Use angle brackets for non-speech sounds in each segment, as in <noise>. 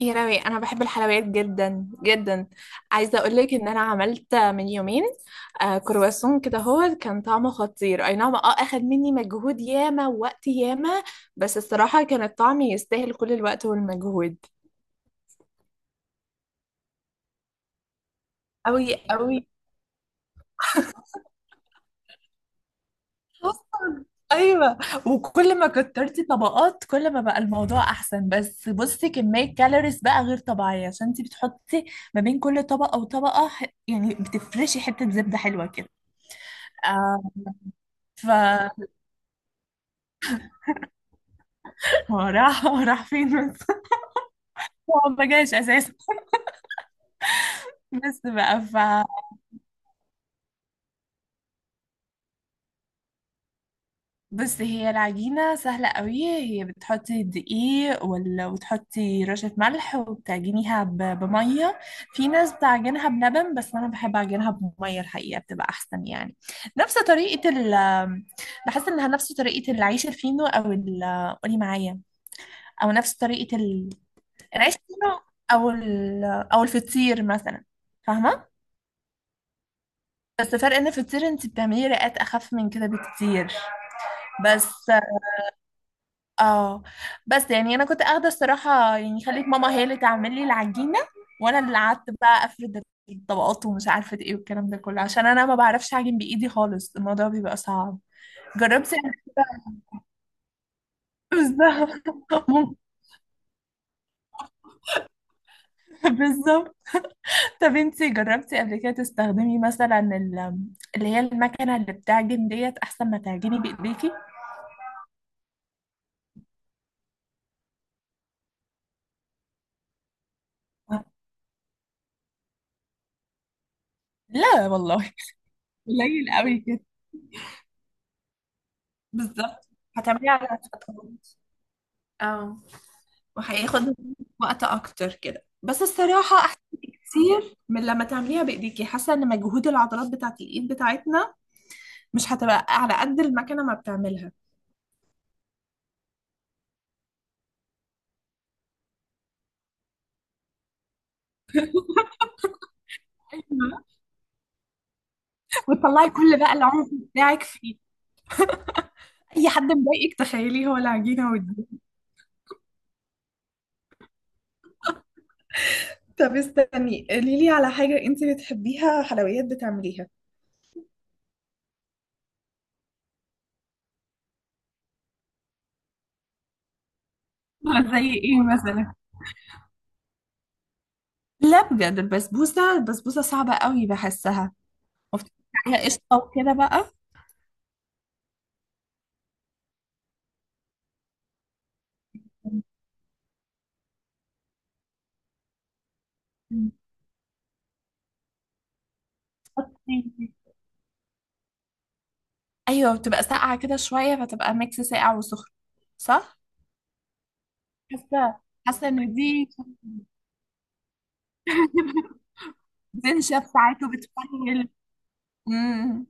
يا راوي، انا بحب الحلويات جدا جدا. عايزه اقول لك ان انا عملت من يومين كرواسون كده. هو كان طعمه خطير، اي نعم، اخد مني مجهود ياما ووقت ياما. بس الصراحه كان الطعم يستاهل كل الوقت والمجهود. أوي أوي. <laughs> حصل. أيوة. وكل ما كترتي طبقات كل ما بقى الموضوع أحسن، بس بصي كمية كالوريز بقى غير طبيعية، عشان انتي بتحطي ما بين كل طبقة وطبقة يعني بتفرشي حتة زبدة حلوة كده. آه. هو راح. <laughs> هو راح فين بس؟ <laughs> هو ما جاش اساسا. <laughs> بس بقى بس هي العجينه سهله قوي. هي بتحطي الدقيق وتحطي رشه ملح وبتعجنيها بميه. في ناس بتعجنها بلبن، بس انا بحب اعجنها بميه الحقيقه، بتبقى احسن يعني. نفس طريقه بحس انها نفس طريقه العيش الفينو او قولي معايا. او نفس طريقه العيش الفينو او او الفطير مثلا، فاهمه؟ بس فرق ان في الطير انت بتعملي رئات اخف من كده بكتير. بس اه بس يعني انا كنت اخده الصراحه، يعني خليت ماما هي اللي تعمل لي العجينه، وانا اللي قعدت بقى افرد الطبقات ومش عارفه ايه والكلام ده كله، عشان انا ما بعرفش اعجن بايدي خالص، الموضوع بيبقى صعب. جربتي قبل كده؟ <laughs> بالظبط. بالظبط. طب انتي جربتي قبل كده تستخدمي مثلا اللي هي المكنه اللي بتعجن ديت، احسن ما تعجني بايديكي؟ لا والله. قليل قوي كده. بالظبط. هتعمليه على خطوات. اه وهياخد وقت اكتر كده، بس الصراحه احسن كتير من لما تعمليها بايديكي. حاسه ان مجهود العضلات بتاعت الايد بتاعتنا مش هتبقى على قد المكنه ما بتعملها. وتطلعي كل بقى العنف بتاعك فيه. اي حد مضايقك تخيليه هو العجينه والدقيق. طب استني، قولي لي على حاجة انت بتحبيها، حلويات بتعمليها. آه، زي ايه مثلا؟ لا بجد، البسبوسة صعبة قوي بحسها. وبتبقى عليها قشطة وكده بقى. مم. أوكي. ايوه بتبقى ساقعه كده شويه، فتبقى ميكس ساقع وسخن. صح. حاسه حاسه ان دي. <laughs> بتنشف ساعات وبتفرغل. امم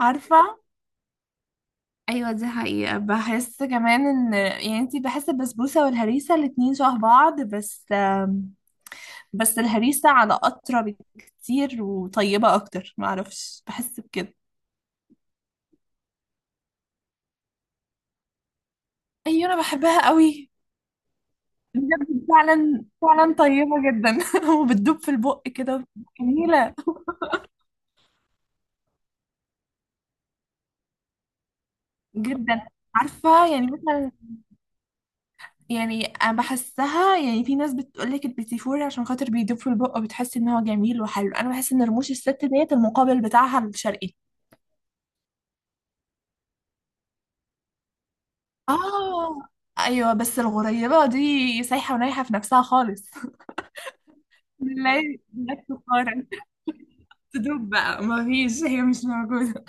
عارفه. ايوه، دي حقيقه. بحس كمان ان يعني انتي، بحس البسبوسه والهريسه الاتنين شبه بعض، بس بس الهريسه على اطرى بكتير وطيبه اكتر، معرفش بحس بكده. ايوه انا بحبها قوي. بجد فعلا فعلا طيبة جدا. <laughs> وبتدوب في البق كده. جميلة جدا. عارفة يعني مثلا، يعني أنا بحسها، يعني في ناس بتقولك البيتي عشان خاطر بيدوب في البق وبتحس إن هو جميل وحلو. أنا بحس إن رموش الست ديت المقابل بتاعها الشرقي. آه. أيوة بس الغريبة دي سايحة ونايحة في نفسها خالص. <laughs> لا. لا تقارن. تدوب بقى، مفيش، هي مش موجودة.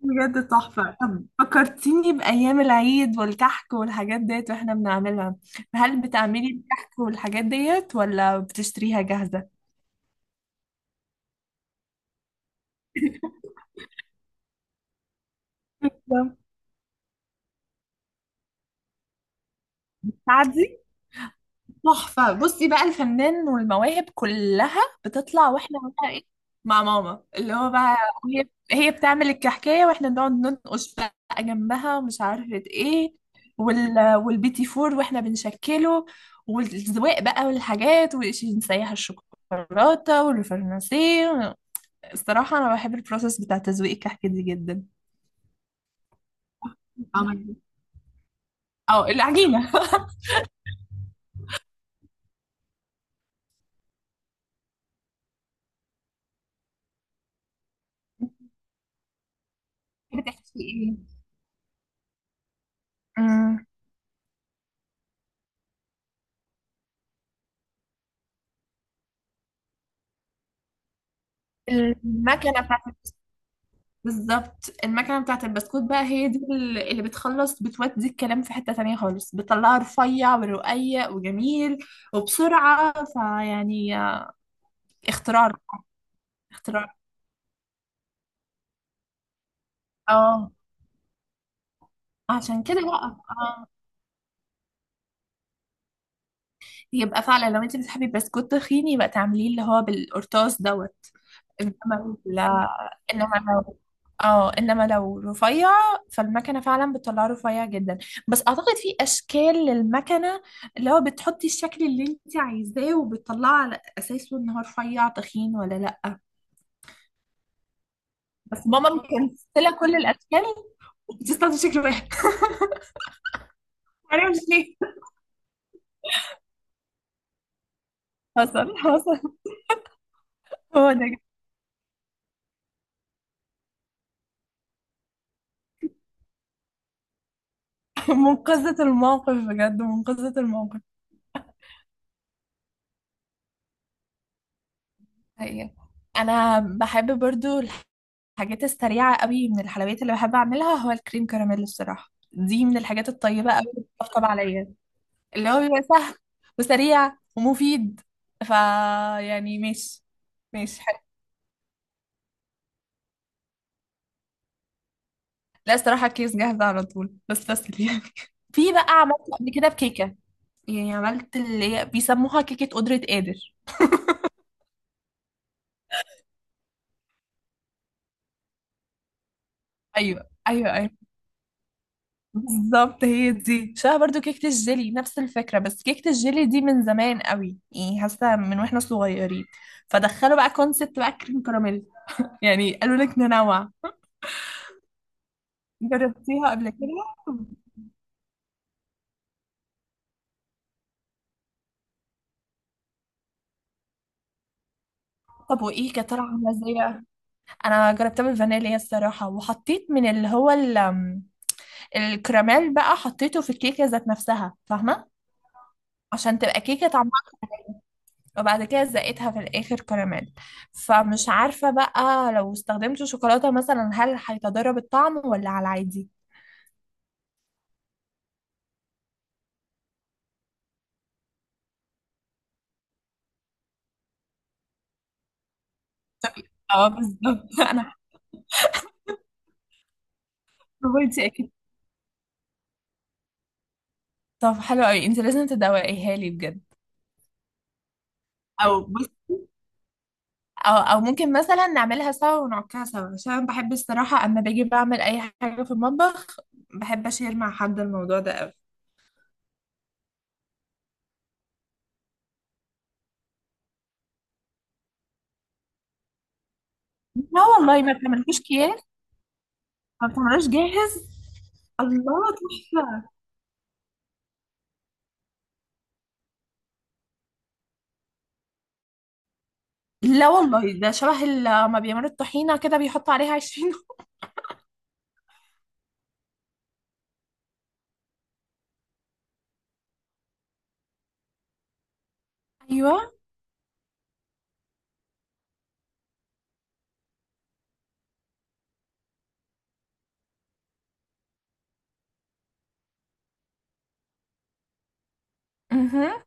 بجد تحفة. طب فكرتيني بأيام العيد والكحك والحاجات ديت واحنا بنعملها. هل بتعملي الكحك والحاجات ديت ولا بتشتريها جاهزة؟ بالظبط. تعدي؟ تحفة. بصي بقى الفنان والمواهب كلها بتطلع، واحنا بقى ايه مع ماما، اللي هو بقى هي هي بتعمل الكحكاية واحنا بنقعد ننقش بقى جنبها ومش عارفة ايه والبيتي فور واحنا بنشكله والزواق بقى والحاجات ونسيح الشوكولاتة والفرنسيه. الصراحة أنا بحب البروسيس بتاع تزويق الكحك دي جدا. عمل- أو العجينة. <laughs> بتحكي ايه؟ أمم، المكنة بتاعت، بالظبط المكنة بتاعة البسكوت بقى، هي دي اللي بتخلص بتودي الكلام في حتة تانية خالص، بتطلعه رفيع ورقيق وجميل وبسرعة فيعني. اختراع. اختراع. اه عشان كده بقى، اه. يبقى فعلا لو انت بتحبي البسكوت تخين، يبقى تعمليه اللي هو بالقرطاس دوت. انما لا. انما لو اه انما لو رفيع، فالمكنه فعلا بتطلعه رفيع جدا. بس اعتقد في اشكال للمكنه، اللي هو بتحطي الشكل اللي انت عايزاه وبتطلعه على اساسه ان هو رفيع تخين ولا لا. بس ماما مكنسله كل الاشكال، بتستخدم شكل واحد. <laughs> معرفش ليه. حصل حصل. هو ده منقذة الموقف، بجد منقذة الموقف. حقيقة. انا بحب برضو الحاجات السريعة قوي. من الحلويات اللي بحب أعملها هو الكريم كراميل، الصراحة دي من الحاجات الطيبة قوي اللي بتطبطب عليا، اللي هو بيبقى سهل وسريع ومفيد. فا يعني ماشي. ماشي حلو. لا الصراحة الكيس جاهزة على طول، بس يعني. <laughs> في بقى عملت قبل كده بكيكة، يعني عملت اللي هي بيسموها كيكة قدرة قادر. أيوه أيوه أيوه. بالظبط، هي دي شبه برضو كيكة الجيلي، نفس الفكرة، بس كيكة الجيلي دي من زمان قوي يعني، حاسة من واحنا صغيرين فدخلوا بقى كونسبت بقى كريم كراميل، يعني قالوا لك ننوع. جربتيها قبل كده؟ طب وايه كانت طالعة عاملة ازاي بقى؟ انا جربتها بالفانيليا الصراحة، وحطيت من اللي هو الكراميل بقى، حطيته في الكيكة ذات نفسها، فاهمة، عشان تبقى كيكة، وبعد كده زقتها في الاخر كراميل. فمش عارفة بقى لو استخدمت شوكولاتة مثلا هل هيتضرب الطعم ولا على العادي. اه بالظبط. <laughs> انا حاسه. انت اكيد. طب حلو قوي، انت لازم تدوقيها لي بجد. او بص، او ممكن مثلا نعملها سوا ونعكها سوا، عشان أنا بحب الصراحة اما باجي بعمل اي حاجة في المطبخ بحب اشير مع حد، الموضوع ده قوي. لا والله، ما بتعملوش اكياس، ما بتعملوش جاهز. الله. لا والله، ده شبه لما بيعملوا الطحينة كده بيحطوا عليها 20. <laughs> ايوه. امم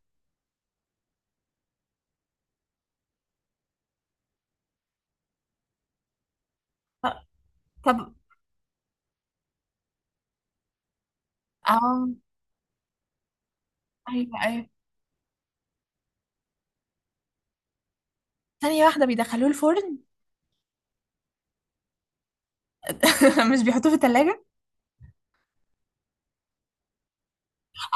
طب. اه ايوه ايوه. ثانية واحدة، بيدخلوه الفرن؟ <laughs> مش بيحطوه في التلاجة؟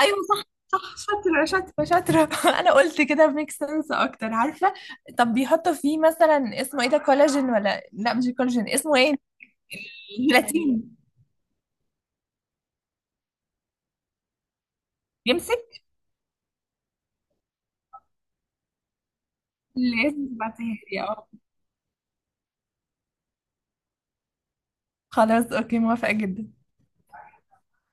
ايوه صح صح. شاطرة شاطرة شاطرة. <laughs> انا قلت كده ميك سنس اكتر عارفة. طب بيحطوا فيه مثلا اسمه ايه ده، كولاجين ولا لا مش الكولاجين، اسمه ايه؟ الكرياتين. يمسك. اللي لازم تبعتيها لي، اه. خلاص اوكي، موافقة جدا.